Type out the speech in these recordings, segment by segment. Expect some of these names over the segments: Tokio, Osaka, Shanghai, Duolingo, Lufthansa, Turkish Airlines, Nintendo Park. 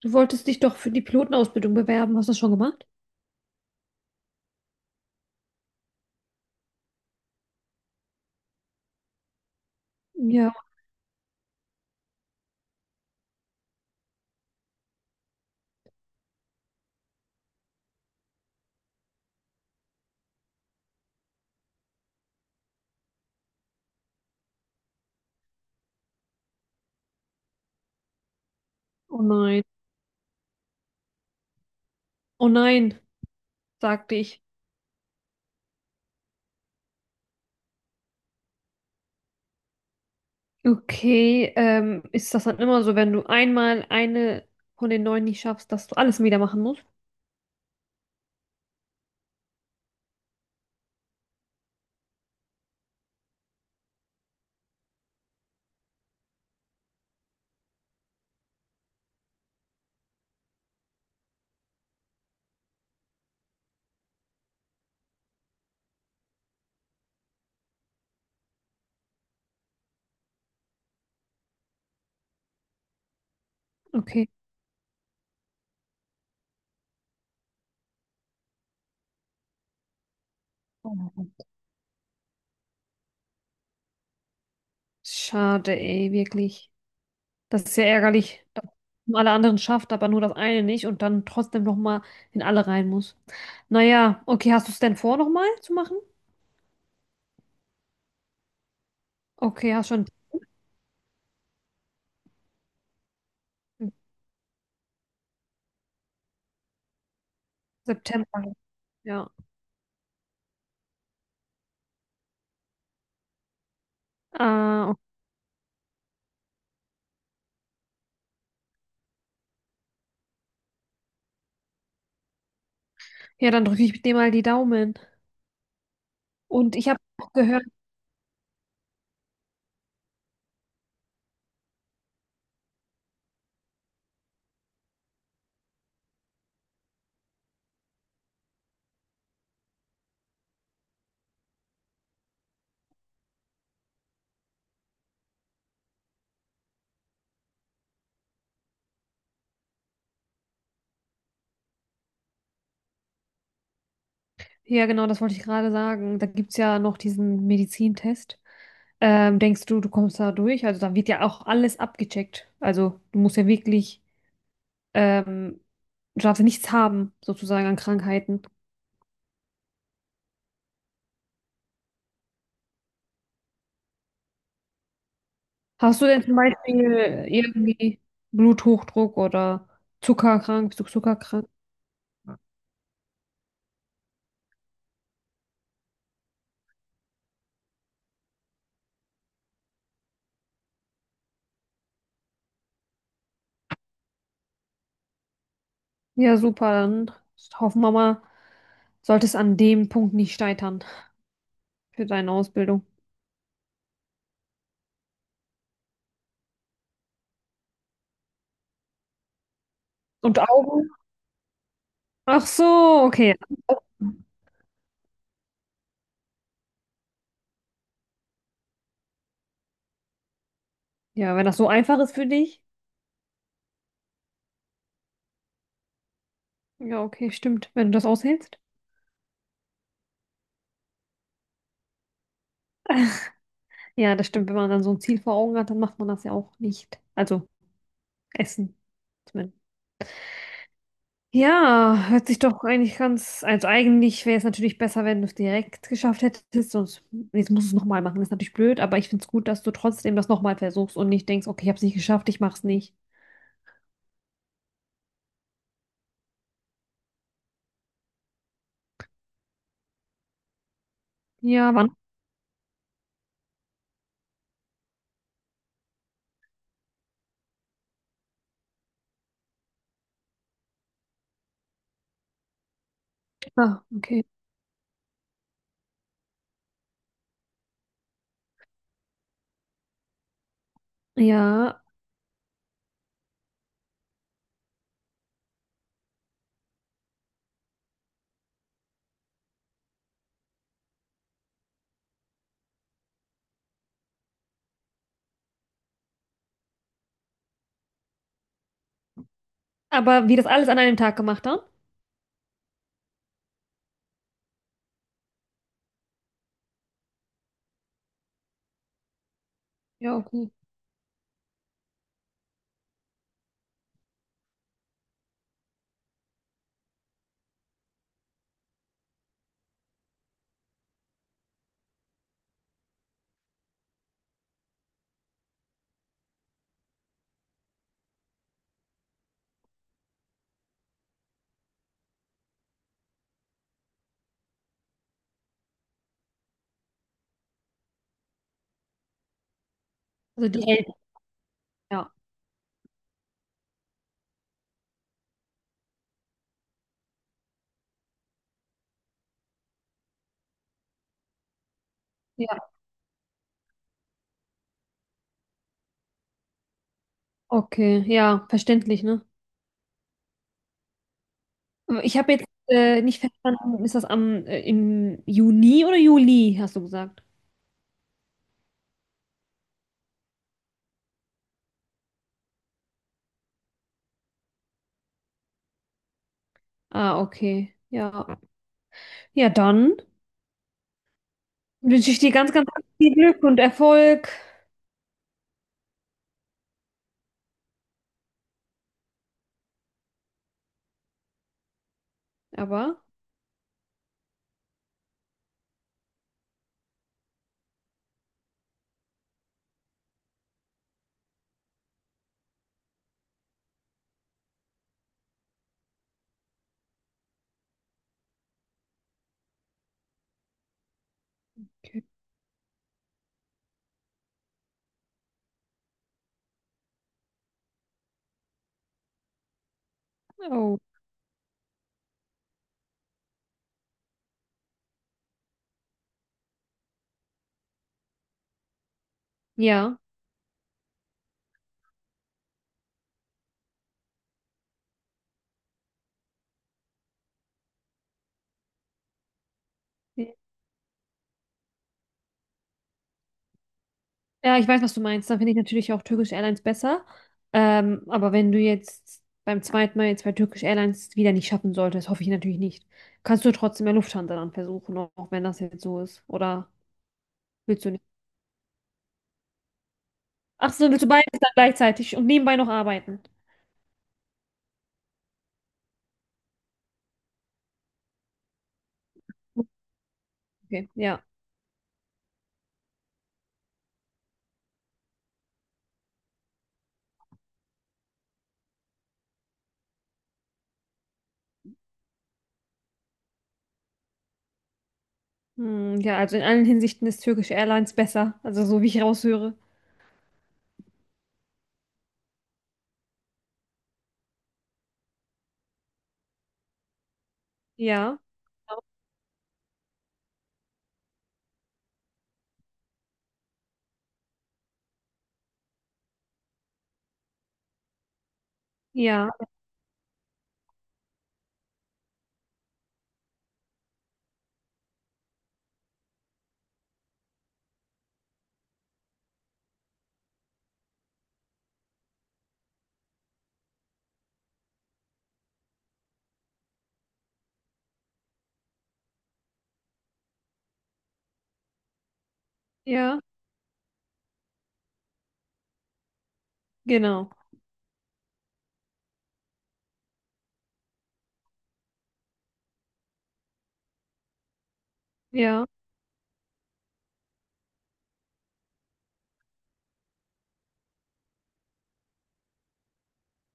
Du wolltest dich doch für die Pilotenausbildung bewerben. Hast du das schon gemacht? Ja. Oh nein. Oh nein, sagte ich. Okay, ist das dann immer so, wenn du einmal eine von den neun nicht schaffst, dass du alles wieder machen musst? Okay. Oh nein. Schade, ey, wirklich. Das ist ja ärgerlich, dass man alle anderen schafft, aber nur das eine nicht und dann trotzdem nochmal in alle rein muss. Naja, okay, hast du es denn vor, nochmal zu machen? Okay, hast schon September. Ja. Ah, okay. Ja, dann drücke ich dir mal die Daumen. Und ich habe auch gehört, ja genau, das wollte ich gerade sagen, da gibt es ja noch diesen Medizintest. Denkst du, du kommst da durch? Also da wird ja auch alles abgecheckt. Also du musst ja wirklich, ähm, du darfst ja nichts haben, sozusagen an Krankheiten. Hast du denn zum Beispiel irgendwie Bluthochdruck oder Zuckerkrank? Bist du zuckerkrank? Ja, super, dann hoffen wir mal, sollte es an dem Punkt nicht scheitern für deine Ausbildung. Und Augen? Ach so, okay. Ja, wenn das so einfach ist für dich. Ja, okay, stimmt. Wenn du das aushältst. Ja, das stimmt. Wenn man dann so ein Ziel vor Augen hat, dann macht man das ja auch nicht. Also Essen zumindest. Ja, hört sich doch eigentlich ganz. Also eigentlich wäre es natürlich besser, wenn du es direkt geschafft hättest. Sonst jetzt musst du es nochmal machen. Das ist natürlich blöd, aber ich finde es gut, dass du trotzdem das nochmal versuchst und nicht denkst, okay, ich habe es nicht geschafft, ich mach's nicht. Ja, wann? Ah, okay. Ja, aber wie das alles an einem Tag gemacht dann? Ja, okay. Also die Eltern, ja. Ja, okay. Ja, verständlich, ne? Ich habe jetzt nicht verstanden, ist das am im Juni oder Juli, hast du gesagt? Ah, okay. Ja. Ja, dann wünsche ich dir ganz, ganz viel Glück und Erfolg. Aber, okay. Oh, ja. Ja, ich weiß, was du meinst. Dann finde ich natürlich auch Turkish Airlines besser. Aber wenn du jetzt beim zweiten Mal jetzt bei Turkish Airlines wieder nicht schaffen solltest, hoffe ich natürlich nicht. Kannst du trotzdem bei Lufthansa dann versuchen, auch wenn das jetzt so ist. Oder willst du nicht? Ach so, willst du beides dann gleichzeitig und nebenbei noch arbeiten? Okay, ja. Hm, ja, also in allen Hinsichten ist Turkish Airlines besser. Also so wie ich raushöre. Ja, ja, ja, genau. Ja,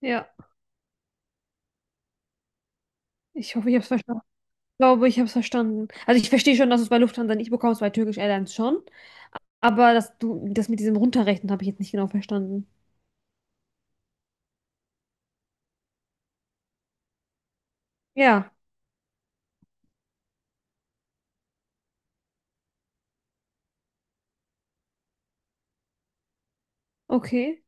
ja. Ich hoffe, ich habe es verstanden. Ich glaube, ich habe es verstanden. Also ich verstehe schon, dass du es bei Lufthansa nicht bekommst, bei Turkish Airlines schon. Aber das, du, das mit diesem Runterrechnen habe ich jetzt nicht genau verstanden. Ja, okay.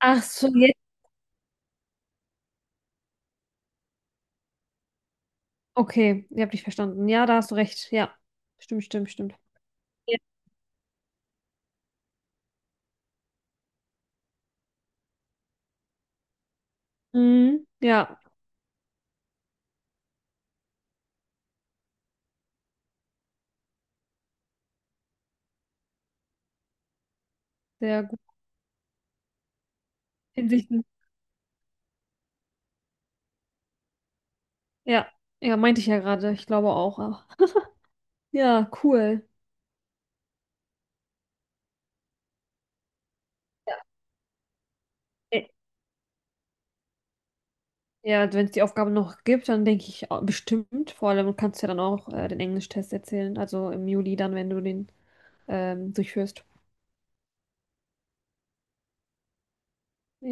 Ach so, jetzt. Okay, ich habe dich verstanden. Ja, da hast du recht. Ja, stimmt, stimmt, stimmt. Ja, mhm, ja sehr gut. Hinsichten. Ja, ja, meinte ich ja gerade. Ich glaube auch. Ja, cool. Ä- Ja, wenn es die Aufgabe noch gibt, dann denke ich bestimmt. Vor allem kannst du ja dann auch den Englischtest erzählen. Also im Juli dann, wenn du den durchführst. Ja.